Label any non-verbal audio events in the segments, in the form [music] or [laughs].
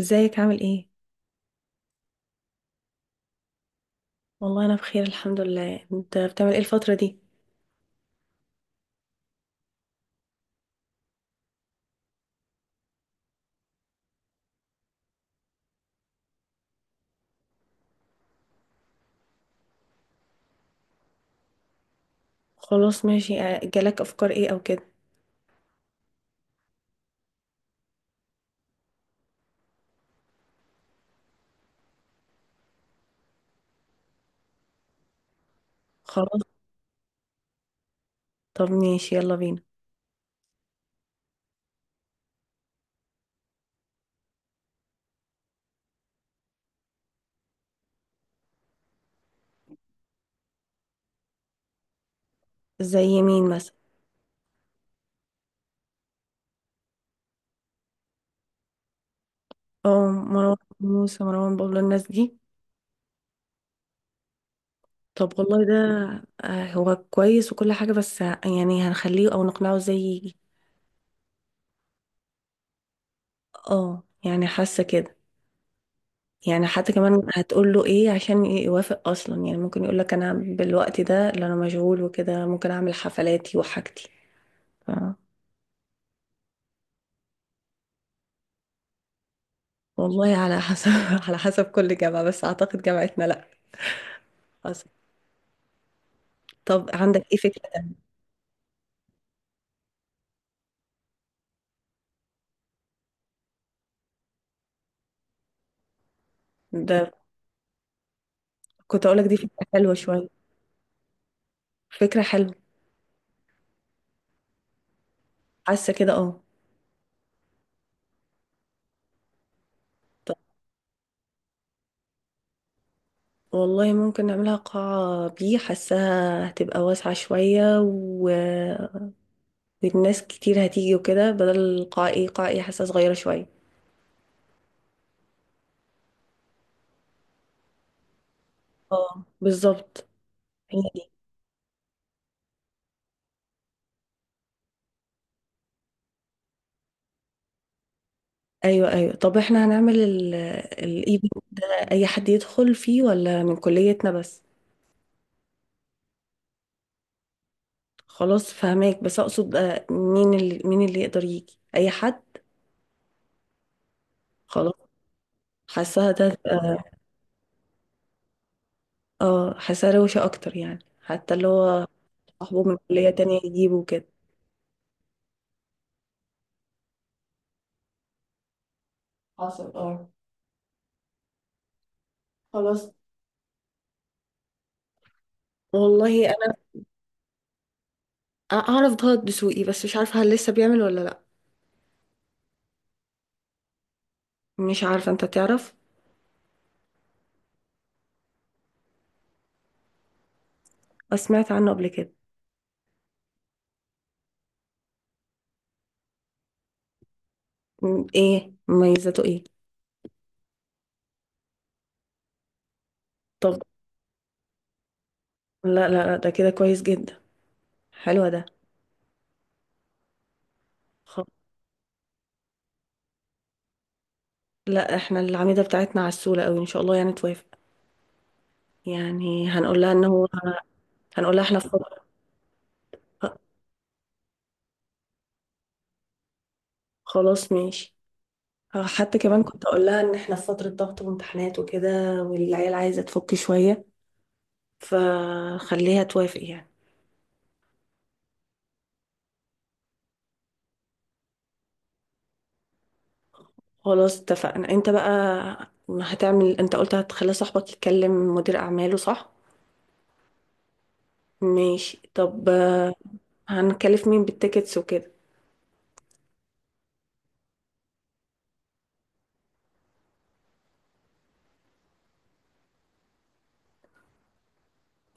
ازيك عامل ايه؟ والله انا بخير الحمد لله. انت بتعمل ايه الفترة دي؟ خلاص ماشي. اه، جالك افكار ايه او كده؟ خلاص طب ماشي يلا بينا. زي مين مثلا؟ اه، مروان موسى، مروان بابلو، الناس دي. طب والله ده اه، هو كويس وكل حاجة، بس يعني هنخليه او نقنعه ازاي يجي؟ اه يعني حاسة كده. يعني حتى كمان هتقول له ايه عشان يوافق اصلا؟ يعني ممكن يقول لك انا بالوقت ده اللي انا مشغول وكده ممكن اعمل حفلاتي وحاجتي. والله على حسب [laughs] على حسب كل جامعة، بس أعتقد جامعتنا لأ. حسب. طب عندك إيه فكرة تانية؟ ده كنت أقولك دي فكرة حلوة شوية. فكرة حلوة. حاسة كده، اه. طب والله ممكن نعملها قاعة بي، حاساها هتبقى واسعة شوية والناس كتير هتيجي وكده، بدل القاعة ايه قاعة ايه حاسة صغيرة شوية. اه بالظبط. هي دي. ايوه ايوه. طب احنا هنعمل الايفنت ده اي حد يدخل فيه ولا من كليتنا بس؟ خلاص فهماك، بس اقصد مين اللي يقدر يجي، اي حد؟ خلاص. حاساها ده تبقى- اه حاساها روشة اكتر، يعني حتى اللي هو صاحبه من كلية تانية يجيبه كده. حصل، اه. خلاص. والله انا اعرف ضغط دسوقي، بس مش عارفه هل لسه بيعمل ولا لا. مش عارفه انت تعرف. بس سمعت عنه قبل كده. ايه مميزاته، ايه؟ طب لا لا لا، ده كده كويس جدا. حلوة ده. خ- لا احنا العميدة بتاعتنا عسولة قوي، ان شاء الله يعني توافق. يعني هنقول لها ان هو هنقول لها احنا في فترة. خلاص ماشي. آه، حتى كمان كنت اقول لها ان احنا في فترة ضغط وامتحانات وكده، والعيال عايزة تفك شوية، فخليها توافق يعني. خلاص اتفقنا. انت بقى هتعمل، انت قلت هتخلي صاحبك يتكلم مدير اعماله، صح؟ ماشي. طب هنكلف مين بالتيكتس وكده؟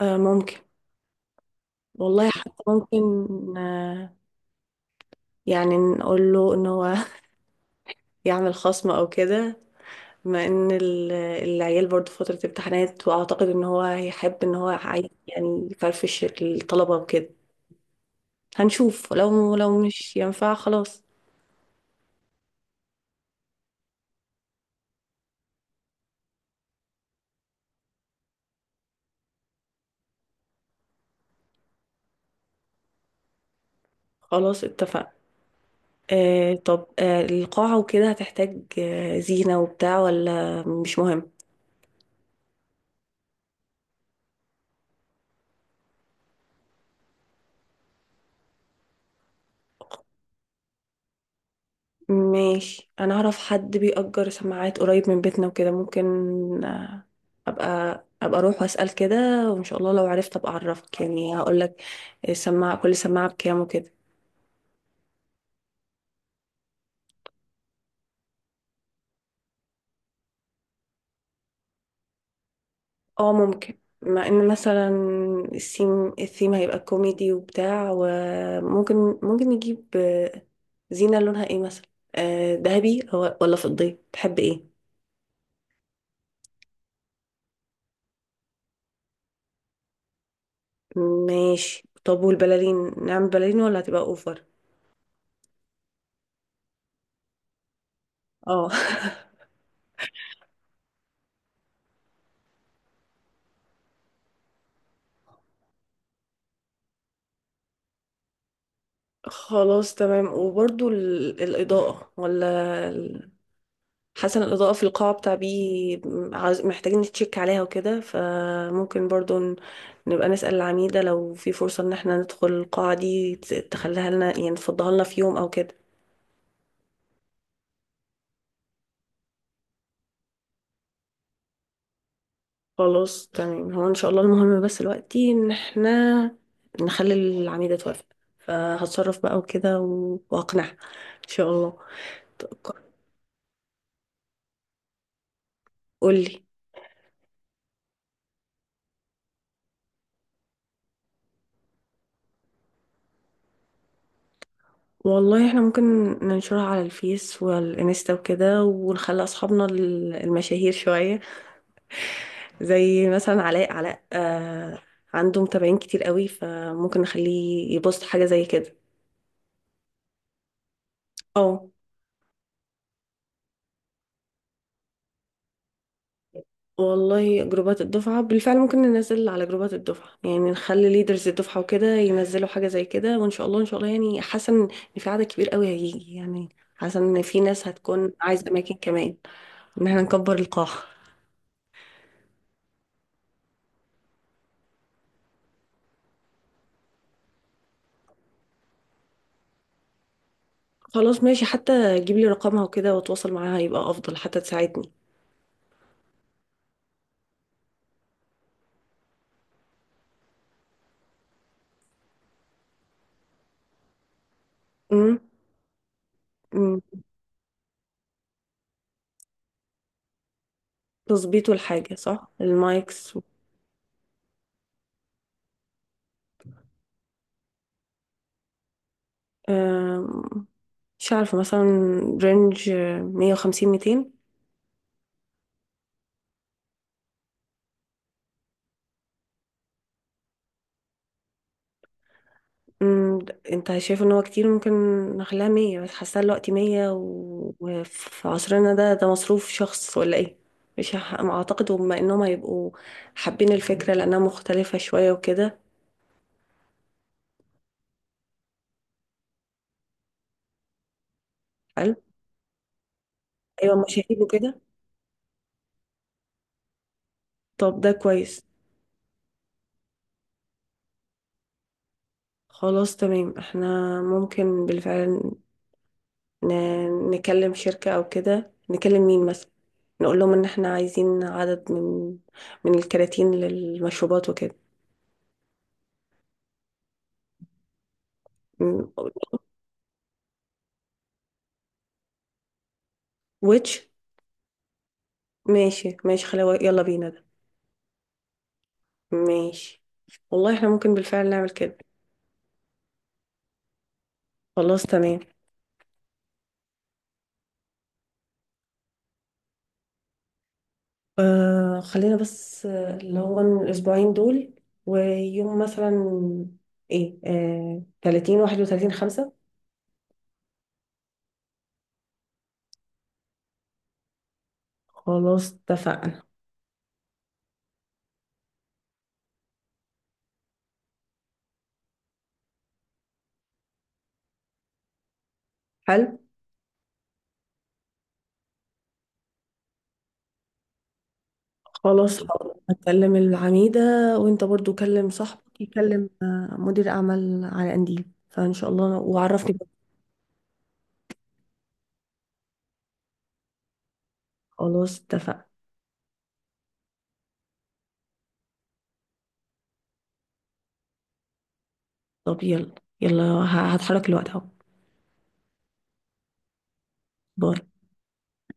آه ممكن. والله حتى ممكن. آه يعني نقول له ان هو [laughs] يعمل خصم او كده، بما ان العيال برضه فترة امتحانات، واعتقد ان هو هيحب ان هو عايز يعني يفرفش الطلبة وكده. هنشوف، لو مش ينفع خلاص. خلاص اتفقنا. آه طب آه القاعة وكده هتحتاج آه زينة وبتاع ولا مش مهم؟ ماشي، انا اعرف حد بيأجر سماعات قريب من بيتنا وكده ممكن. آه ابقى اروح واسأل كده، وان شاء الله لو عرفت ابقى اعرفك يعني هقول لك السماعة، كل سماعة بكام وكده. اه ممكن، مع ان مثلا الثيم هيبقى كوميدي وبتاع، وممكن نجيب زينة لونها ايه مثلا؟ آه، ذهبي أو- ولا فضي، تحب ايه؟ ماشي. طب والبلالين، نعمل بلالين ولا هتبقى اوفر؟ اه [laughs] خلاص تمام. وبرضو الإضاءة ولا حسن الإضاءة في القاعة بتاع بي عاوز- محتاجين نتشيك عليها وكده، فممكن برضو نبقى نسأل العميدة لو في فرصة إن احنا ندخل القاعة دي، تخليها لنا يعني تفضها لنا في يوم أو كده. خلاص تمام، هو إن شاء الله المهم بس دلوقتي إن احنا نخلي العميدة توافق، فهتصرف بقى وكده وأقنعها إن شاء الله. ط- قولي. والله احنا ممكن ننشرها على الفيس والانستا وكده، ونخلي اصحابنا المشاهير شوية، زي مثلا علاء آه عنده متابعين كتير قوي، فممكن نخليه يبوست حاجة زي كده. اه. والله جروبات الدفعة بالفعل ممكن ننزل على جروبات الدفعة، يعني نخلي ليدرز الدفعة وكده ينزلوا حاجة زي كده، وإن شاء الله إن شاء الله. يعني حاسة إن في عدد كبير قوي هيجي يعني، حاسة إن في ناس هتكون عايزة أماكن كمان، إن احنا نكبر القاعة. خلاص ماشي، حتى جيب لي رقمها وكده وأتواصل معاها يبقى أفضل، حتى تساعدني. امم أمم. تظبيط الحاجة، صح، المايكس. آم، مش عارفة، مثلا رينج مية وخمسين، ميتين. انت شايف ان هو كتير؟ ممكن نخليها مية بس. حاسة دلوقتي مية وفي عصرنا ده ده مصروف شخص ولا ايه؟ مش هح- ما اعتقد بما انهم هيبقوا حابين الفكرة لانها مختلفة شوية وكده. حلو. ايوه مشاهير وكده. طب ده كويس. خلاص تمام، احنا ممكن بالفعل نكلم شركة أو كده، نكلم مين مثلا، نقول لهم إن إحنا عايزين عدد من الكراتين للمشروبات وكده. م- ويتش. ماشي ماشي، خلاوي يلا بينا ده. ماشي. والله إحنا ممكن بالفعل نعمل كده. خلاص تمام. آه خلينا بس آه، اللي هو الأسبوعين دول، ويوم مثلا إيه آه 30 31 5. خلاص اتفقنا. حلو. خلاص هكلم العميدة، وانت برضو كلم صاحبك يكلم آه، مدير اعمال على قنديل، فان شاء الله وعرفني بقى. خلاص اتفقنا. طب يلا، يلا هتحرك، الوقت اهو. باي.